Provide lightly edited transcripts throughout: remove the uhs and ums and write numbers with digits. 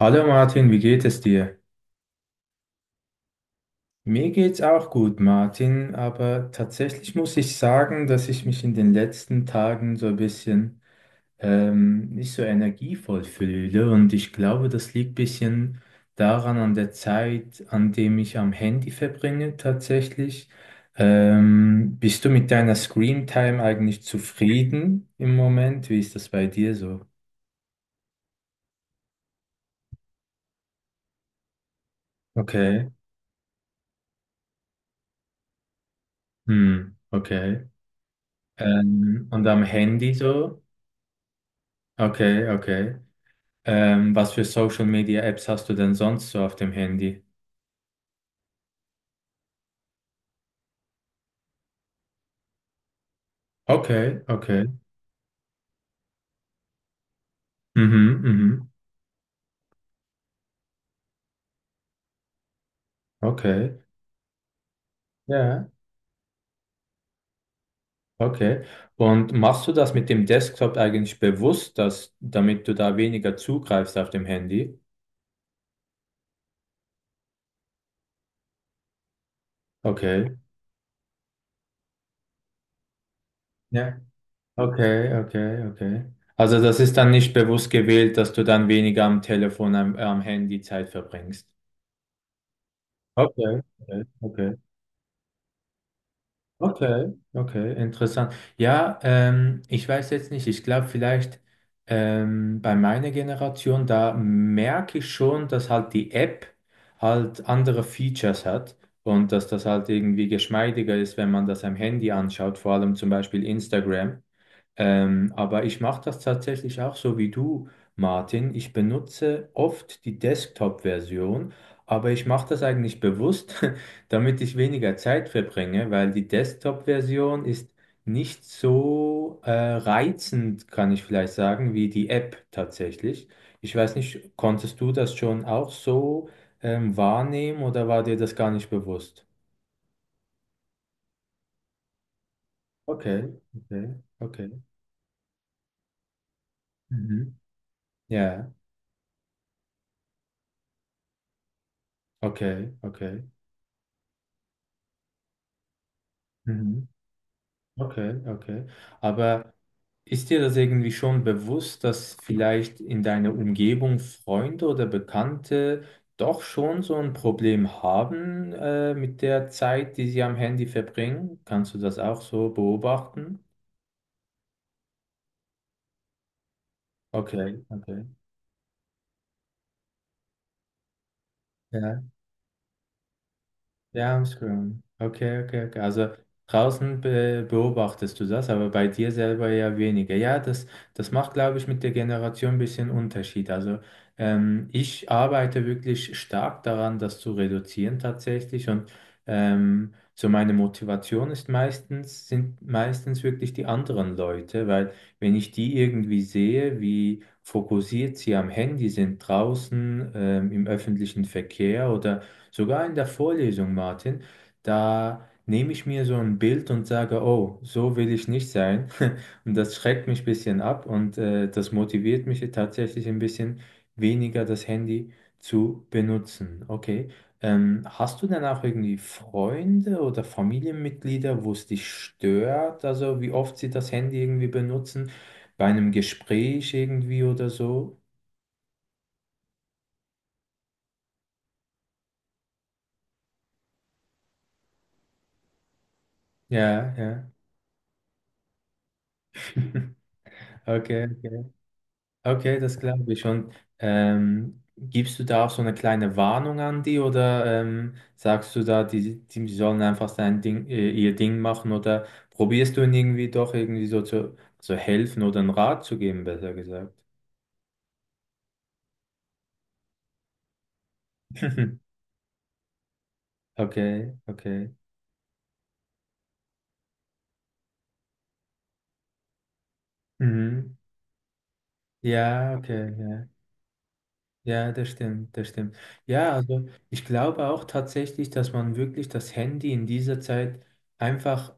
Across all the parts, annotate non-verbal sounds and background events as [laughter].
Hallo Martin, wie geht es dir? Mir geht's auch gut, Martin, aber tatsächlich muss ich sagen, dass ich mich in den letzten Tagen so ein bisschen nicht so energievoll fühle und ich glaube, das liegt ein bisschen daran an der Zeit, an dem ich am Handy verbringe tatsächlich. Bist du mit deiner Screen Time eigentlich zufrieden im Moment? Wie ist das bei dir so? Okay. Hm, okay. Und am Handy so? Okay, okay. Was für Social Media Apps hast du denn sonst so auf dem Handy? Okay, okay. Mhm, mhm. Okay. Ja, okay. Und machst du das mit dem Desktop eigentlich bewusst, damit du da weniger zugreifst auf dem Handy? Okay. Ja. Okay, okay, okay. Also das ist dann nicht bewusst gewählt, dass du dann weniger am Telefon, am Handy Zeit verbringst. Okay, okay, okay. Okay, okay, interessant. Ja, ich weiß jetzt nicht, ich glaube vielleicht bei meiner Generation, da merke ich schon, dass halt die App halt andere Features hat und dass das halt irgendwie geschmeidiger ist, wenn man das am Handy anschaut, vor allem zum Beispiel Instagram. Aber ich mache das tatsächlich auch so wie du, Martin. Ich benutze oft die Desktop-Version, aber ich mache das eigentlich bewusst, [laughs] damit ich weniger Zeit verbringe, weil die Desktop-Version ist nicht so reizend, kann ich vielleicht sagen, wie die App tatsächlich. Ich weiß nicht, konntest du das schon auch so wahrnehmen oder war dir das gar nicht bewusst? Okay, okay, okay. Mhm. Ja, okay, okay. Mhm. Okay, okay. Aber ist dir das irgendwie schon bewusst, dass vielleicht in deiner Umgebung Freunde oder Bekannte doch schon so ein Problem haben, mit der Zeit, die sie am Handy verbringen? Kannst du das auch so beobachten? Okay, okay. Ja. Ja, am Screen. Okay, okay, okay. Also draußen be beobachtest du das, aber bei dir selber ja weniger. Ja, das macht, glaube ich, mit der Generation ein bisschen Unterschied. Also ich arbeite wirklich stark daran, das zu reduzieren tatsächlich. Und so meine Motivation sind meistens wirklich die anderen Leute, weil wenn ich die irgendwie sehe, wie fokussiert sie am Handy sind draußen, im öffentlichen Verkehr oder sogar in der Vorlesung, Martin, da nehme ich mir so ein Bild und sage, oh, so will ich nicht sein. [laughs] Und das schreckt mich ein bisschen ab und das motiviert mich tatsächlich ein bisschen weniger das Handy zu benutzen. Okay. Hast du denn auch irgendwie Freunde oder Familienmitglieder, wo es dich stört? Also wie oft sie das Handy irgendwie benutzen? Bei einem Gespräch irgendwie oder so? Ja, ja. Okay. Okay. Okay, das glaube ich schon. Gibst du da auch so eine kleine Warnung an die oder sagst du da, die sollen einfach ihr Ding machen oder probierst du ihnen irgendwie doch irgendwie so zu helfen oder einen Rat zu geben, besser gesagt? [laughs] Okay, okay. Mhm. Ja, okay, ja. Ja, das stimmt, das stimmt. Ja, also ich glaube auch tatsächlich, dass man wirklich das Handy in dieser Zeit einfach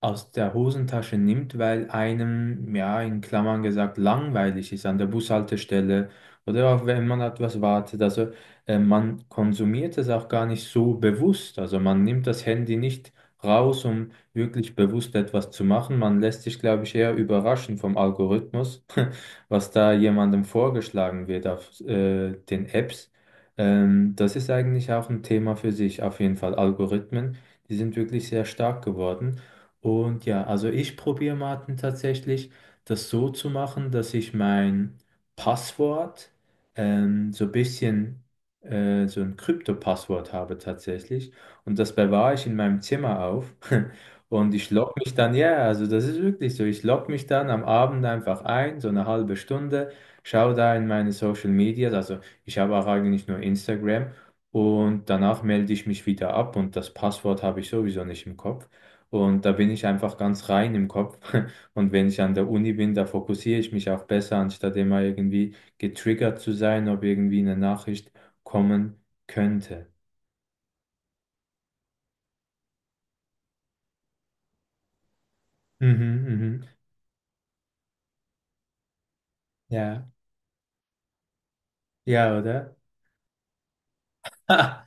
aus der Hosentasche nimmt, weil einem, ja, in Klammern gesagt, langweilig ist an der Bushaltestelle oder auch wenn man etwas wartet. Also man konsumiert es auch gar nicht so bewusst. Also man nimmt das Handy nicht raus, um wirklich bewusst etwas zu machen. Man lässt sich, glaube ich, eher überraschen vom Algorithmus, [laughs] was da jemandem vorgeschlagen wird auf den Apps. Das ist eigentlich auch ein Thema für sich, auf jeden Fall Algorithmen. Die sind wirklich sehr stark geworden. Und ja, also ich probiere Martin tatsächlich das so zu machen, dass ich mein Passwort so ein bisschen so ein Krypto-Passwort habe tatsächlich. Und das bewahre ich in meinem Zimmer auf. [laughs] Und ich logge mich dann, ja, also das ist wirklich so, ich logge mich dann am Abend einfach ein, so eine halbe Stunde, schaue da in meine Social Medias, also ich habe auch eigentlich nur Instagram und danach melde ich mich wieder ab und das Passwort habe ich sowieso nicht im Kopf. Und da bin ich einfach ganz rein im Kopf. [laughs] Und wenn ich an der Uni bin, da fokussiere ich mich auch besser, anstatt immer irgendwie getriggert zu sein, ob irgendwie eine Nachricht kommen könnte. Mhm, mhm. Ja, ja, oder? [laughs]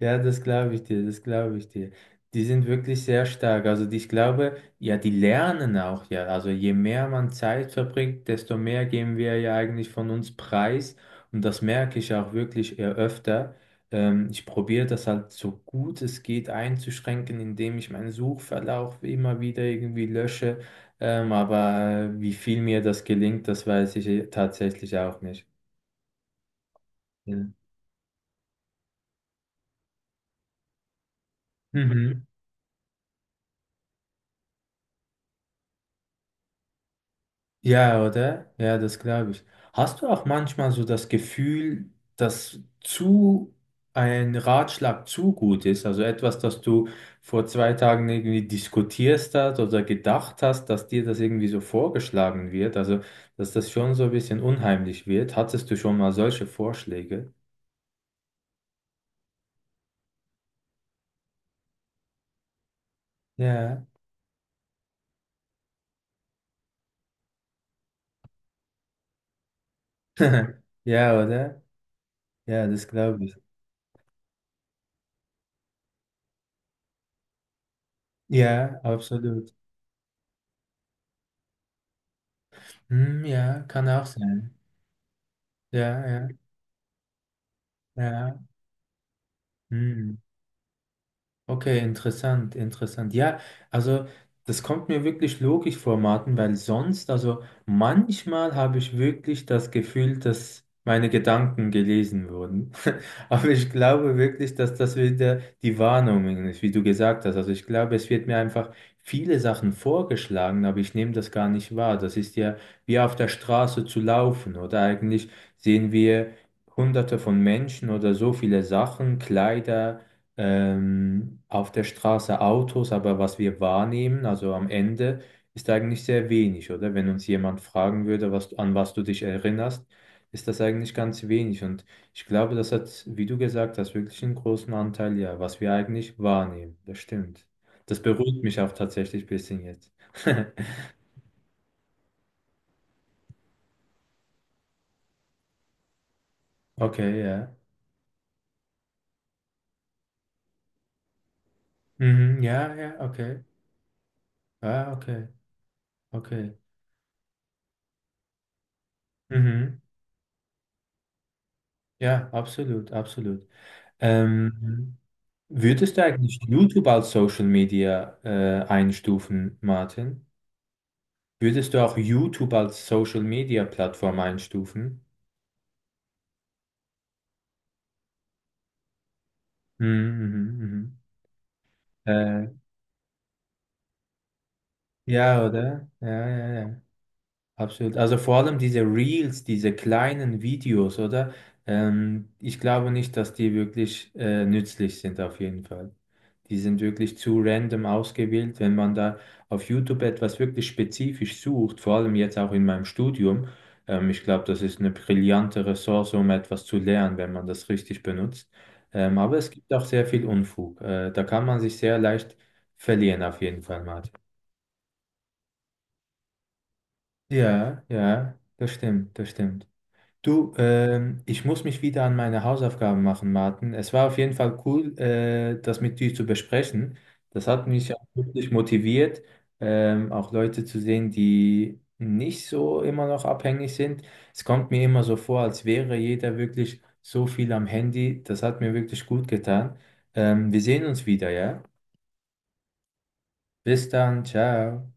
Ja, das glaube ich dir, das glaube ich dir. Die sind wirklich sehr stark. Also ich glaube, ja, die lernen auch ja. Also je mehr man Zeit verbringt, desto mehr geben wir ja eigentlich von uns preis. Und das merke ich auch wirklich eher öfter. Ich probiere das halt so gut es geht einzuschränken, indem ich meinen Suchverlauf immer wieder irgendwie lösche. Aber wie viel mir das gelingt, das weiß ich eh tatsächlich auch nicht. Ja. Mhm. Ja, oder? Ja, das glaube ich. Hast du auch manchmal so das Gefühl, dass zu ein Ratschlag zu gut ist? Also etwas, das du vor zwei Tagen irgendwie diskutierst hast oder gedacht hast, dass dir das irgendwie so vorgeschlagen wird? Also, dass das schon so ein bisschen unheimlich wird. Hattest du schon mal solche Vorschläge? Ja. [laughs] Ja, oder? Ja, das glaube ich. Ja, absolut. Hm, ja, kann auch sein. Ja, ja, ja. Hm. Okay, interessant, interessant. Ja, also das kommt mir wirklich logisch vor, Martin, weil sonst, also manchmal habe ich wirklich das Gefühl, dass meine Gedanken gelesen wurden. [laughs] Aber ich glaube wirklich, dass das wieder die Wahrnehmung ist, wie du gesagt hast. Also ich glaube, es wird mir einfach viele Sachen vorgeschlagen, aber ich nehme das gar nicht wahr. Das ist ja wie auf der Straße zu laufen oder eigentlich sehen wir Hunderte von Menschen oder so viele Sachen, Kleider auf der Straße Autos, aber was wir wahrnehmen, also am Ende, ist eigentlich sehr wenig, oder? Wenn uns jemand fragen würde, an was du dich erinnerst, ist das eigentlich ganz wenig. Und ich glaube, das hat, wie du gesagt hast, wirklich einen großen Anteil, ja, was wir eigentlich wahrnehmen. Das stimmt. Das beruhigt mich auch tatsächlich ein bisschen jetzt. [laughs] Okay, ja. Mhm, ja, ja, okay. Ah, okay, okay. Mhm. Ja, absolut, absolut. Ähm, Würdest du eigentlich YouTube als Social Media einstufen, Martin? Würdest du auch YouTube als Social Media Plattform einstufen? Mhm, mhm, mhm. Äh, ja, oder? Ja, ja, ja. Absolut. Also vor allem diese Reels, diese kleinen Videos, oder? Ich glaube nicht, dass die wirklich nützlich sind, auf jeden Fall. Die sind wirklich zu random ausgewählt. Wenn man da auf YouTube etwas wirklich spezifisch sucht, vor allem jetzt auch in meinem Studium, ich glaube, das ist eine brillante Ressource, um etwas zu lernen, wenn man das richtig benutzt. Aber es gibt auch sehr viel Unfug. Da kann man sich sehr leicht verlieren, auf jeden Fall, Martin. Ja, ja, das stimmt, das stimmt. Du, ich muss mich wieder an meine Hausaufgaben machen, Martin. Es war auf jeden Fall cool, das mit dir zu besprechen. Das hat mich auch wirklich motiviert, auch Leute zu sehen, die nicht so immer noch abhängig sind. Es kommt mir immer so vor, als wäre jeder wirklich so viel am Handy. Das hat mir wirklich gut getan. Wir sehen uns wieder, ja? Bis dann, ciao.